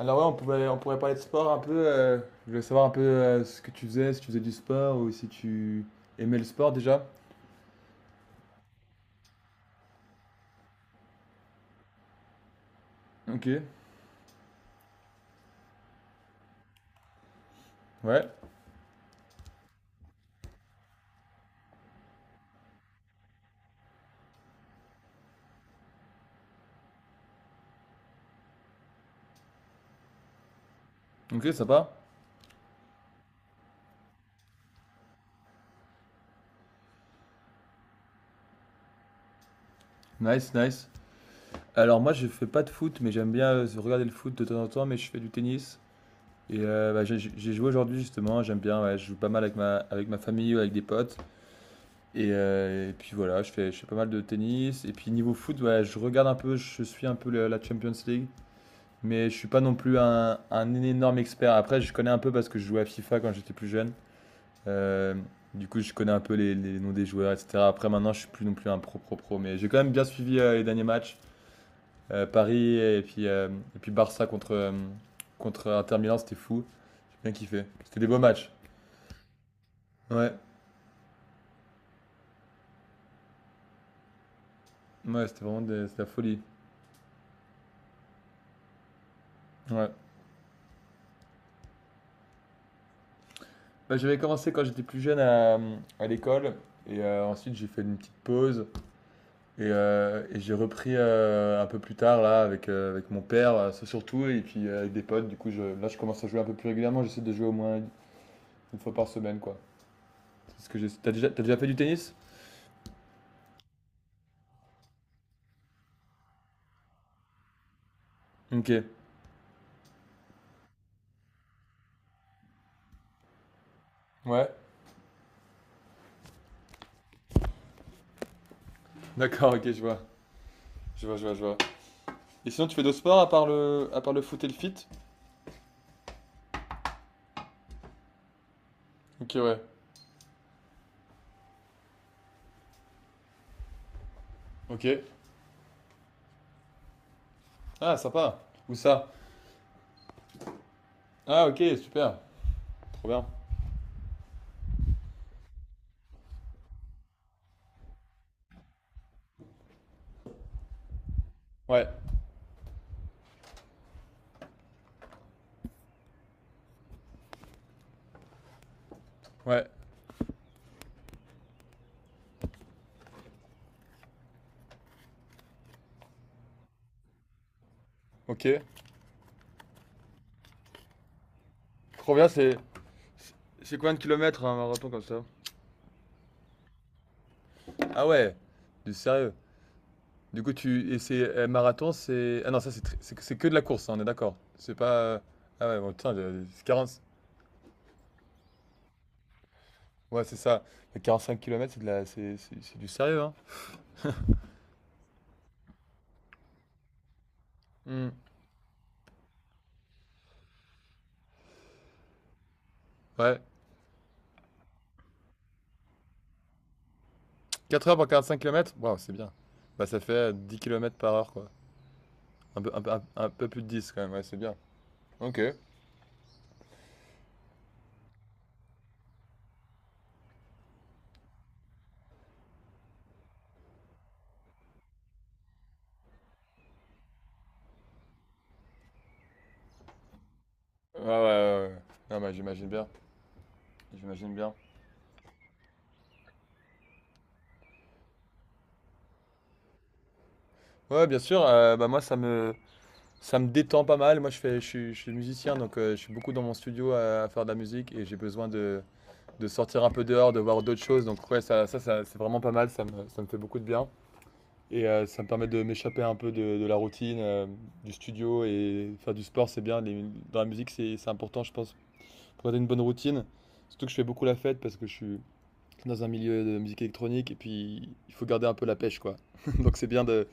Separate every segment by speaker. Speaker 1: Alors ouais, on pourrait parler de sport un peu. Je voulais savoir un peu, ce que tu faisais, si tu faisais du sport ou si tu aimais le sport déjà. Ok, ouais. Ok, sympa. Nice, nice. Alors moi, je fais pas de foot, mais j'aime bien regarder le foot de temps en temps, mais je fais du tennis. Et bah, j'ai joué aujourd'hui justement, j'aime bien, ouais, je joue pas mal avec ma, famille ou avec des potes. Et puis voilà, je fais pas mal de tennis. Et puis niveau foot, ouais, je regarde un peu, je suis un peu la Champions League. Mais je suis pas non plus un énorme expert. Après, je connais un peu parce que je jouais à FIFA quand j'étais plus jeune. Euh, du coup, je connais un peu les noms des joueurs, etc. Après, maintenant, je suis plus non plus un pro pro pro. Mais j'ai quand même bien suivi les derniers matchs. Paris et puis Barça contre Inter Milan, c'était fou. J'ai bien kiffé. C'était des beaux matchs. Ouais, ouais, c'était vraiment c'était la folie. Ouais. Bah, j'avais commencé quand j'étais plus jeune à l'école. Et ensuite, j'ai fait une petite pause. Et j'ai repris, un peu plus tard là avec mon père, ça surtout et puis, avec des potes du coup je là je commence à jouer un peu plus régulièrement, j'essaie de jouer au moins une fois par semaine, quoi. C'est ce que j'essa tu déjà T'as déjà fait du tennis? OK. Ouais, d'accord, OK, je vois. Je vois, je vois, je vois. Et sinon tu fais d'autres sports à part le foot et le fit? OK, ouais. OK. Ah, sympa. Où ça? Ah, OK, super. Trop bien. Ouais. Ouais. OK. Trop bien, c'est c'est combien de kilomètres un marathon comme ça? Ah ouais! Du sérieux? Du coup, tu et c'est marathon, c'est, ah non, ça c'est c'est que de la course, hein, on est d'accord. C'est pas ah ouais, bon, putain, c'est 40, ouais, c'est ça. Mais quarante-cinq kilomètres, c'est de la c'est du sérieux, hein. Hmm. Ouais, 4 heures pour 45 km, waouh, c'est bien. Bah ça fait 10 km par heure, quoi. Un peu plus de 10 quand même, ouais, c'est bien. Ok. Ouais, ouais, ouais. Ouais. Non mais j'imagine bien, j'imagine bien. Ouais, bien sûr, bah moi, ça me détend pas mal. Moi, je suis musicien donc je suis beaucoup dans mon studio à faire de la musique et j'ai besoin de sortir un peu dehors, de voir d'autres choses. Donc ouais, ça, c'est vraiment pas mal, ça me fait beaucoup de bien. Et ça me permet de m'échapper un peu de la routine, du studio, et faire du sport, c'est bien. Dans la musique, c'est important, je pense, pour garder une bonne routine. Surtout que je fais beaucoup la fête parce que je suis dans un milieu de musique électronique et puis il faut garder un peu la pêche, quoi. Donc c'est bien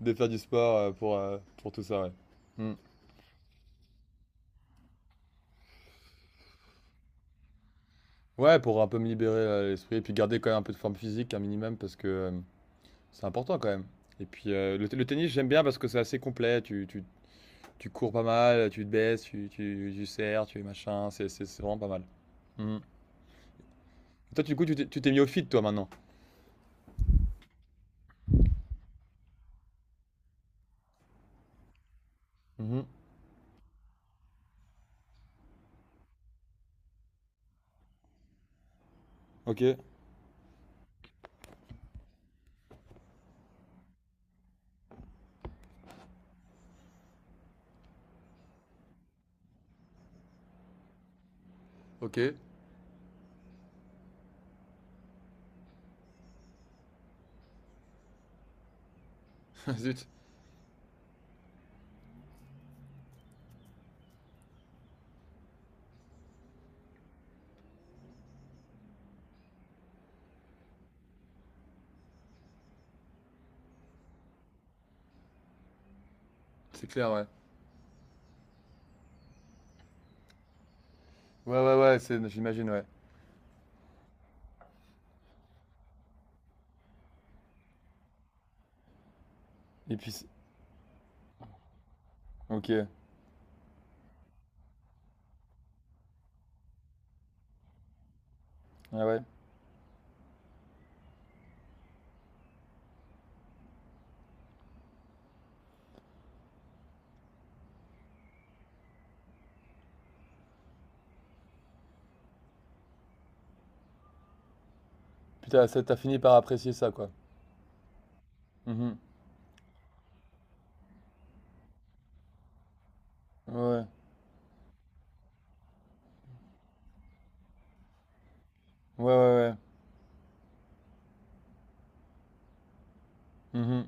Speaker 1: de faire du sport, pour tout ça, ouais. Mm. Ouais, pour un peu me libérer l'esprit et puis garder quand même un peu de forme physique, un minimum, parce que c'est important quand même. Et puis le tennis, j'aime bien parce que c'est assez complet. Tu cours pas mal, tu te baisses, tu serres, tu es machin. C'est vraiment pas mal. Mhm. Toi, du coup, tu t'es mis au fit, toi, maintenant. Mhm. Ok. Ok, zut, c'est clair, ouais. Ouais, ouais, ouais, c'est, j'imagine, ouais. Et puis, ok, ouais, ouais. Putain, ça, t'as fini par apprécier ça, quoi. Mhm. Ouais, ouais, ouais, ouais. Mhm.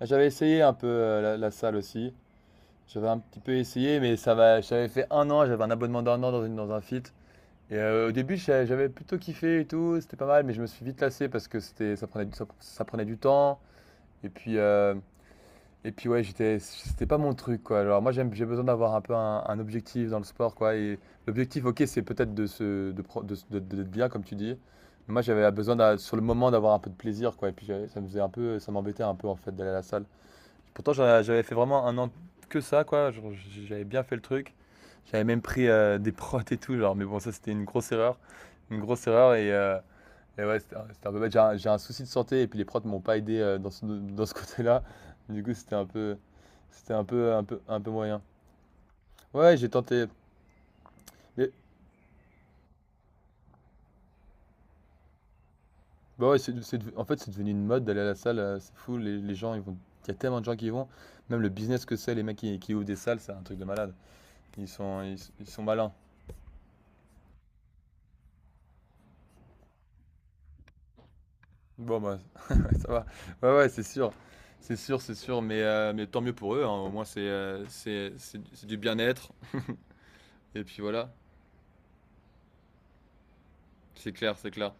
Speaker 1: Ah, j'avais essayé un peu la salle aussi. J'avais un petit peu essayé, mais ça va. J'avais fait un an, j'avais un abonnement d'un an dans un fit. Et au début, j'avais plutôt kiffé et tout, c'était pas mal, mais je me suis vite lassé parce que c'était, ça prenait, du- ça prenait du temps. Et puis, euh, et puis ouais, c'était pas mon truc, quoi. Alors moi, j'ai besoin d'avoir un peu un objectif dans le sport, quoi. Et l'objectif, ok, c'est peut-être de se, de, pro- de- d'être bien, comme tu dis. Mais moi, j'avais besoin, sur le moment, d'avoir un peu de plaisir, quoi. Et puis, ça m'embêtait un peu, en fait, d'aller à la salle. Pourtant, j'avais fait vraiment un an que ça, quoi. J'avais bien fait le truc. J'avais même pris des prods et tout, genre. Mais bon, ça, c'était une grosse erreur. Une grosse erreur. Et ouais, c'était un peu bête. J'ai un souci de santé et puis les prods ne m'ont pas aidé dans ce côté-là. Du coup, c'était un peu, un peu, un peu moyen. Ouais, j'ai tenté. Mais bah ouais, c'est en fait, c'est devenu une mode d'aller à la salle. C'est fou. Les gens, ils vont. Il y a tellement de gens qui y vont. Même le business que c'est, les mecs qui ouvrent des salles, c'est un truc de malade. Ils sont malins. Bon bah, ça va. Ouais, ouais, c'est sûr. C'est sûr, c'est sûr, mais tant mieux pour eux, hein. Au moins, c'est du bien-être et puis voilà. C'est clair, c'est clair.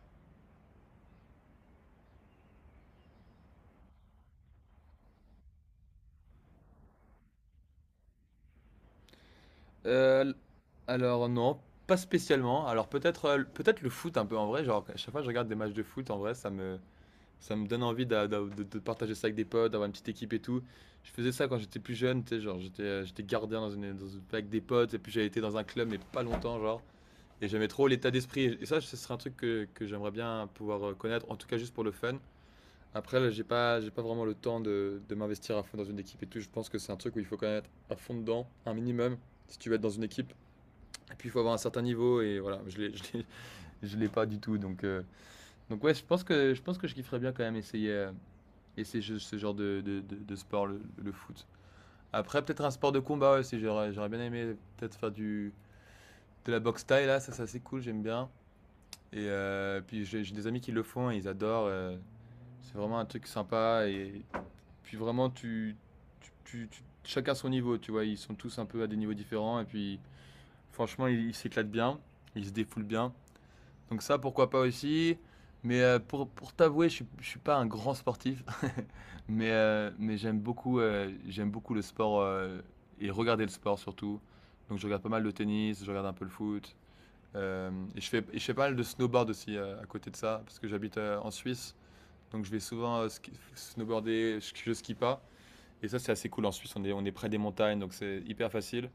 Speaker 1: Heu, alors non, pas spécialement. Alors peut-être le foot un peu en vrai, genre à chaque fois que je regarde des matchs de foot en vrai, ça me donne envie d'a d'a de partager ça avec des potes, d'avoir une petite équipe et tout. Je faisais ça quand j'étais plus jeune, tu sais, genre j'étais gardien dans une avec des potes, et puis j'avais été dans un club mais pas longtemps, genre. Et j'aimais trop l'état d'esprit. Et ça, ce serait un truc que j'aimerais bien pouvoir connaître, en tout cas juste pour le fun. Après, là, j'ai pas vraiment le temps de m'investir à fond dans une équipe et tout. Je pense que c'est un truc où il faut connaître à fond dedans, un minimum, si tu veux être dans une équipe. Et puis, il faut avoir un certain niveau. Et voilà, je l'ai pas du tout. Donc ouais, je pense que je kifferais bien quand même essayer ce genre de sport, le foot. Après, peut-être un sport de combat aussi. J'aurais bien aimé peut-être faire de la boxe taille là. Ça, c'est assez cool. J'aime bien. Et puis j'ai des amis qui le font et ils adorent. C'est vraiment un truc sympa. Et puis vraiment, chacun son niveau, tu vois. Ils sont tous un peu à des niveaux différents. Et puis franchement, ils s'éclatent bien. Ils se défoulent bien. Donc ça, pourquoi pas aussi. Mais pour t'avouer, je suis pas un grand sportif. Mais j'aime beaucoup le sport, et regarder le sport surtout. Donc je regarde pas mal de tennis, je regarde un peu le foot. Et, et je fais pas mal de snowboard aussi, à côté de ça, parce que j'habite en Suisse. Donc je vais souvent snowboarder, je skie pas. Et ça, c'est assez cool en Suisse. On est près des montagnes, donc c'est hyper facile.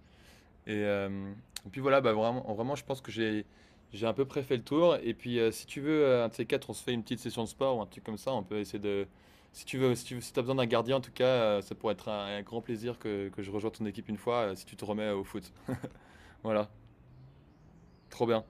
Speaker 1: Et, euh, et puis voilà, bah, vraiment, vraiment, je pense que j'ai à peu près fait le tour. Et puis si tu veux, un de ces quatre, on se fait une petite session de sport ou un truc comme ça. On peut essayer de. Si tu veux, si tu as besoin d'un gardien, en tout cas, ça pourrait être un grand plaisir que je rejoigne ton équipe une fois, si tu te remets au foot. Voilà, trop bien.